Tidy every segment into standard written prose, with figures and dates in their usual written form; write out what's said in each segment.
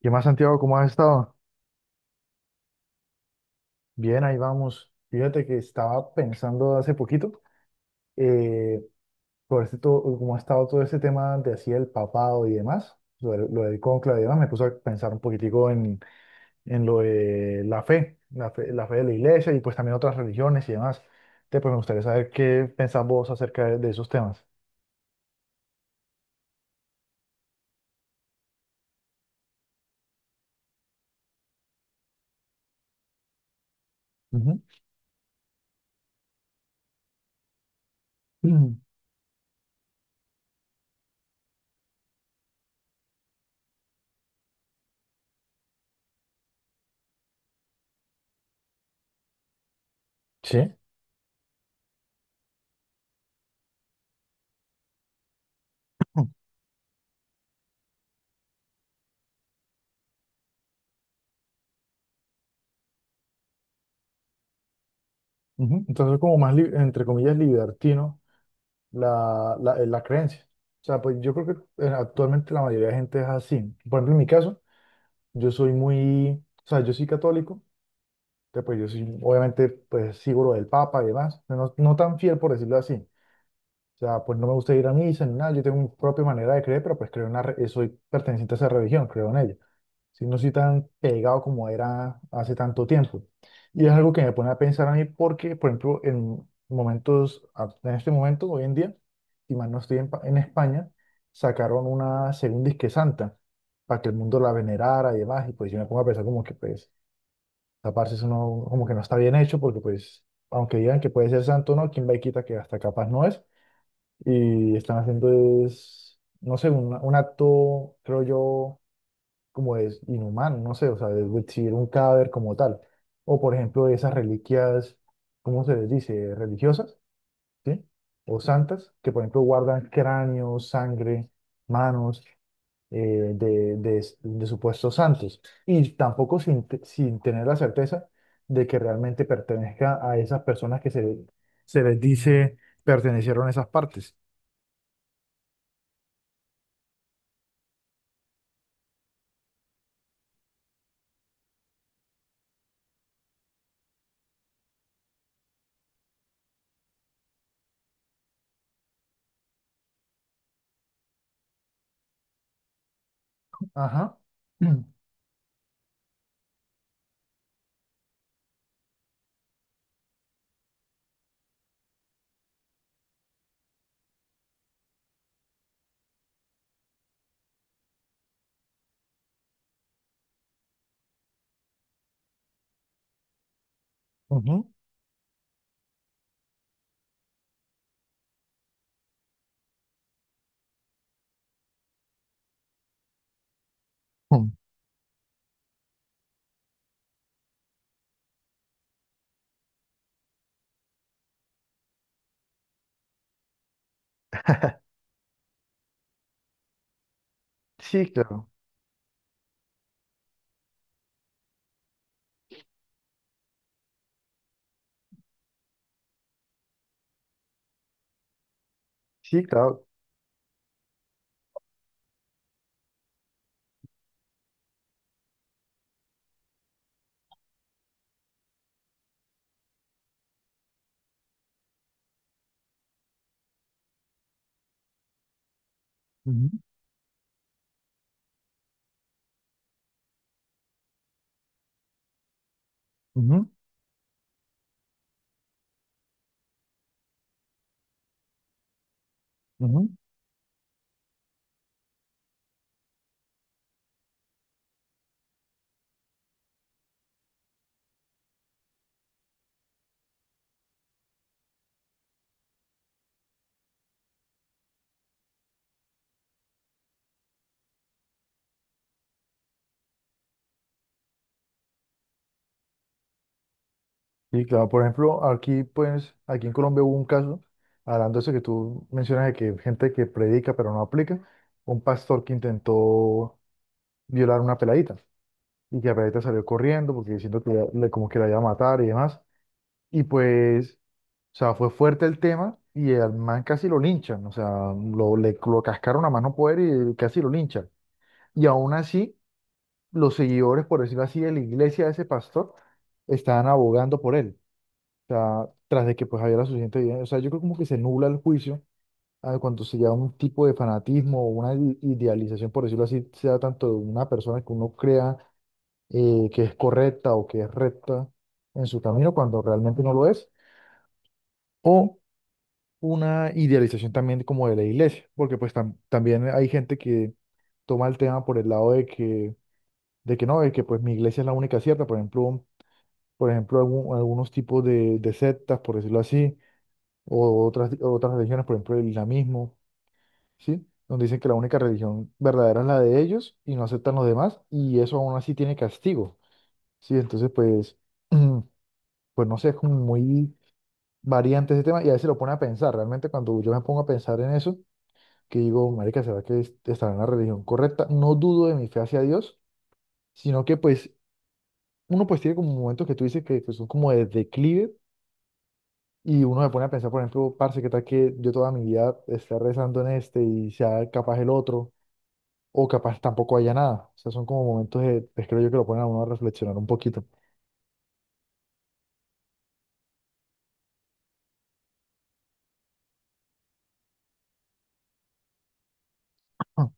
¿Qué más, Santiago? ¿Cómo has estado? Bien, ahí vamos. Fíjate que estaba pensando hace poquito, eh, por este todo, cómo ha estado todo ese tema de así el papado y demás, lo del cónclave y demás, me puso a pensar un poquitico en lo de la fe, la fe de la iglesia y pues también otras religiones y demás. Entonces, pues me gustaría saber qué pensás vos acerca de esos temas. Ujú. Mm. Sí. Ujú. Entonces, como más, entre comillas, libertino. La creencia. O sea, pues yo creo que actualmente la mayoría de gente es así. Por ejemplo, en mi caso, yo soy muy, o sea, yo soy católico, que pues yo soy, obviamente, pues sigo lo del Papa y demás, pero no, no tan fiel por decirlo así. O sea, pues no me gusta ir a misa ni nada, yo tengo mi propia manera de creer, pero pues creo en una, soy perteneciente a esa religión, creo en ella si no soy tan pegado como era hace tanto tiempo. Y es algo que me pone a pensar a mí porque, por ejemplo, en momentos, en este momento, hoy en día, y más no estoy en, en España, sacaron una segunda Isque Santa para que el mundo la venerara y demás, y pues yo me pongo a pensar como que pues taparse eso no, como que no está bien hecho porque pues, aunque digan que puede ser santo, o ¿no? ¿Quién va y quita que hasta capaz no es? Y están haciendo es, no sé, un acto, creo yo, como es inhumano, no sé, o sea, exhibir un cadáver como tal. O por ejemplo, esas reliquias, ¿cómo se les dice? Religiosas, ¿sí? O santas, que por ejemplo guardan cráneos, sangre, manos eh, de supuestos santos. Y tampoco sin tener la certeza de que realmente pertenezca a esas personas se les dice pertenecieron a esas partes. Ajá. Ujú. Mm. Sí, claro. Sí, claro. Ujú, ujú. Ujú. Sí, claro, por ejemplo, aquí pues, aquí en Colombia hubo un caso, hablando de eso que tú mencionas de que gente que predica pero no aplica, un pastor que intentó violar a una peladita y que la peladita salió corriendo porque diciendo que como que la iba a matar y demás. Y pues, o sea, fue fuerte el tema y al man casi lo linchan, o sea, lo cascaron a más no poder y casi lo linchan. Y aún así, los seguidores, por decirlo así, de la iglesia de ese pastor, estaban abogando por él. O sea, tras de que pues había la suficiente evidencia. O sea, yo creo como que se nubla el juicio a cuando se lleva un tipo de fanatismo o una idealización, por decirlo así, sea tanto de una persona que uno crea que es correcta o que es recta en su camino cuando realmente no lo es, o una idealización también como de la iglesia, porque pues también hay gente que toma el tema por el lado de que no, de que pues mi iglesia es la única cierta, por ejemplo, algunos tipos de sectas, por decirlo así o otras religiones, por ejemplo el islamismo, ¿sí? Donde dicen que la única religión verdadera es la de ellos y no aceptan los demás y eso aún así tiene castigo, ¿sí? Entonces, pues, pues no sé, es como muy variante ese tema y a veces lo pone a pensar, realmente cuando yo me pongo a pensar en eso, que digo, marica, ¿será que estará en la religión correcta? No dudo de mi fe hacia Dios, sino que pues uno pues tiene como momentos que tú dices que pues, son como de declive. Y uno se pone a pensar, por ejemplo, parce, ¿qué tal que yo toda mi vida esté rezando en este y sea capaz el otro? O capaz tampoco haya nada. O sea, son como momentos de, pues, creo yo que lo ponen a uno a reflexionar un poquito. Ah,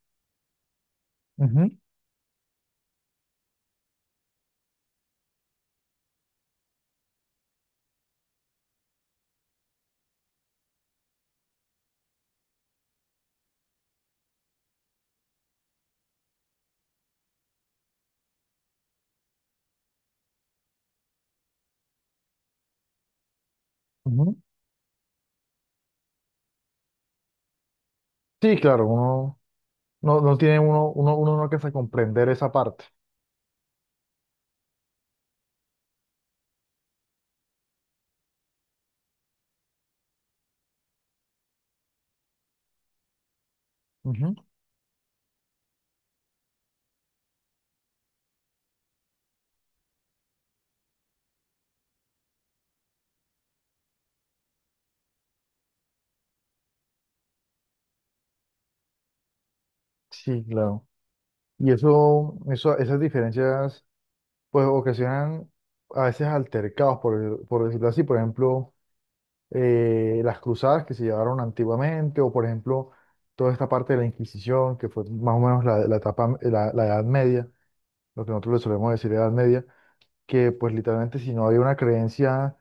ujú, ujú. Sí, claro, uno no, no tiene uno, uno no alcanza a comprender esa parte. Ujú. Sí, claro. Y esas diferencias, pues ocasionan a veces altercados, por decirlo así. Por ejemplo, las cruzadas que se llevaron antiguamente, o por ejemplo, toda esta parte de la Inquisición, que fue más o menos la etapa, la Edad Media, lo que nosotros le solemos decir Edad Media, que pues literalmente si no había una creencia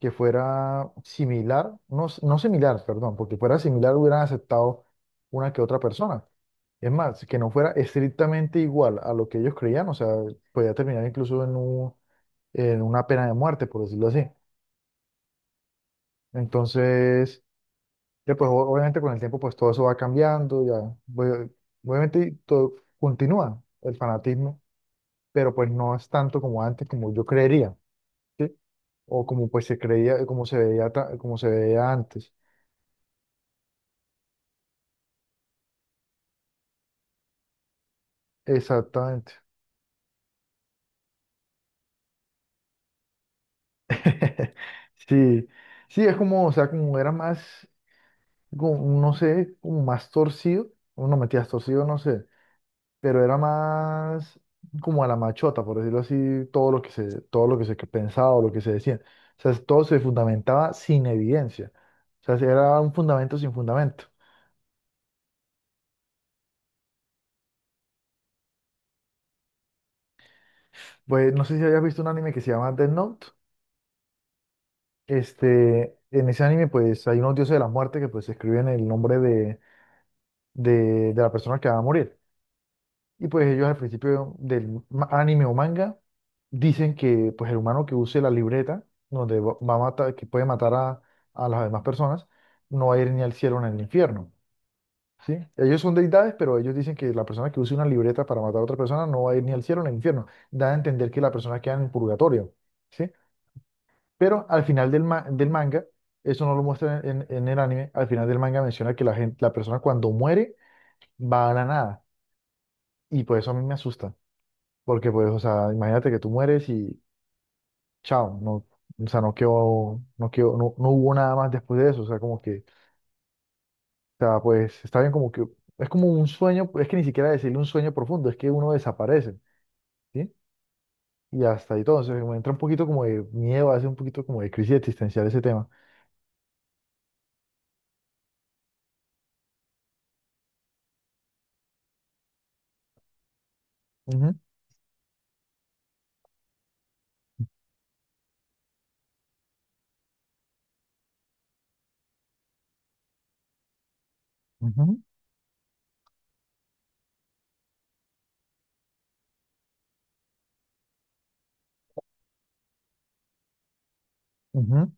que fuera similar, no, no similar, perdón, porque fuera similar hubieran aceptado una que otra persona. Es más, que no fuera estrictamente igual a lo que ellos creían, o sea, podía terminar incluso en en una pena de muerte, por decirlo así. Entonces, ya, pues obviamente con el tiempo pues todo eso va cambiando, ya. Pues, obviamente todo, continúa el fanatismo, pero pues no es tanto como antes, como yo creería, ¿sí? O como pues se creía, como se veía, como se veía antes. Exactamente. Sí, sí, es como, o sea, como era más, como, no sé, como más torcido, o no metías torcido, no sé. Pero era más como a la machota, por decirlo así, todo lo que se, todo lo que se pensaba o lo que se decía. O sea, todo se fundamentaba sin evidencia. O sea, era un fundamento sin fundamento. Pues no sé si hayas visto un anime que se llama Death Note. Este, en ese anime, pues hay unos dioses de la muerte que pues escriben el nombre de la persona que va a morir. Y pues ellos al principio del anime o manga dicen que pues el humano que use la libreta donde va va a matar, que puede matar a las demás personas, no va a ir ni al cielo ni al infierno, ¿sí? Ellos son deidades, pero ellos dicen que la persona que use una libreta para matar a otra persona no va a ir ni al cielo ni al infierno. Da a entender que la persona queda en el purgatorio, ¿sí? Pero al final del, del manga, eso no lo muestra en el anime, al final del manga menciona que la gente, la persona cuando muere va a la nada. Y pues eso a mí me asusta. Porque pues, o sea, imagínate que tú mueres y chao, no, o sea, no quedó, no, no hubo nada más después de eso, o sea, como que, o sea, pues está bien como que, es como un sueño, es que ni siquiera decirle un sueño profundo, es que uno desaparece, ¿sí? Y hasta ahí todo, entonces me entra un poquito como de miedo, hace un poquito como de crisis existencial ese tema. Ujú, ujú, ujú.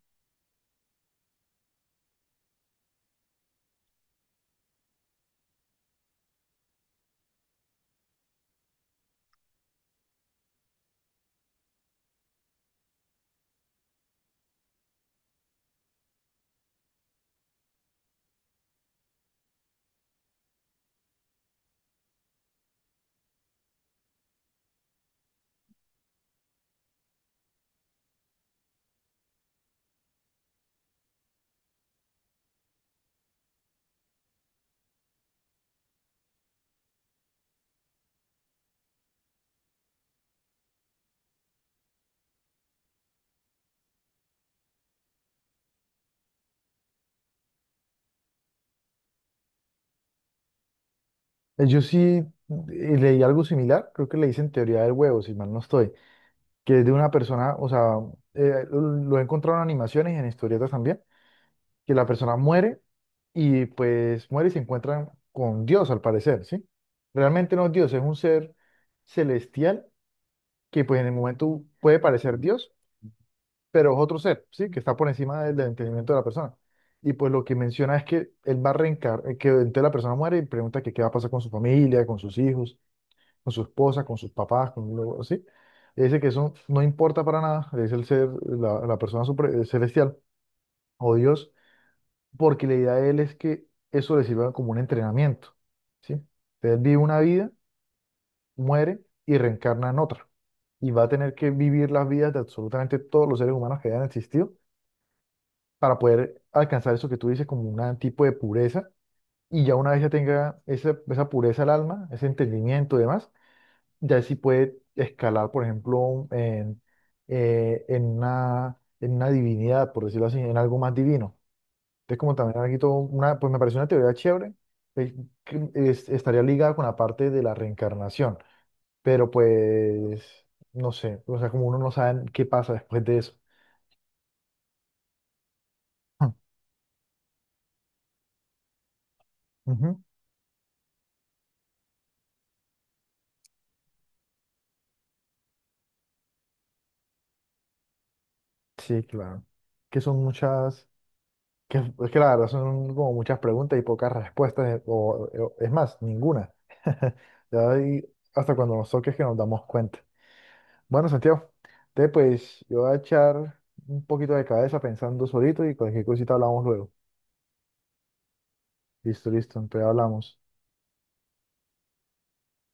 Yo sí leí algo similar, creo que le dicen teoría del huevo, si mal no estoy, que es de una persona, o sea, lo he encontrado en animaciones y en historietas también que la persona muere y pues muere y se encuentran con Dios al parecer, ¿sí? Realmente no es Dios, es un ser celestial que pues en el momento puede parecer Dios, pero es otro ser, ¿sí? Que está por encima del, del entendimiento de la persona. Y pues lo que menciona es que él va a reencarnar, que entonces la persona muere y pregunta que qué va a pasar con su familia, con sus hijos, con su esposa, con sus papás, con lo así. Y dice que eso no importa para nada, es el ser, la persona celestial o Dios porque la idea de él es que eso le sirva como un entrenamiento, ¿sí? Entonces él vive una vida, muere y reencarna en otra. Y va a tener que vivir las vidas de absolutamente todos los seres humanos que hayan existido para poder alcanzar eso que tú dices como un tipo de pureza. Y ya una vez ya tenga esa pureza al alma, ese entendimiento y demás, ya sí puede escalar, por ejemplo, en una divinidad, por decirlo así, en algo más divino. Entonces, como también aquí todo una, pues me pareció una teoría chévere, eh, que estaría ligada con la parte de la reencarnación, pero pues, no sé, o sea, como uno no sabe qué pasa después de eso. Hmm. Ujú. Sí, claro. Que son muchas, que es que la verdad son como muchas preguntas y pocas respuestas, es más, ninguna. Ya ahí, hasta cuando nos toques que nos damos cuenta. Bueno, Santiago, entonces pues yo voy a echar un poquito de cabeza pensando solito y cualquier cosita hablamos luego. Listo, listo, entonces hablamos.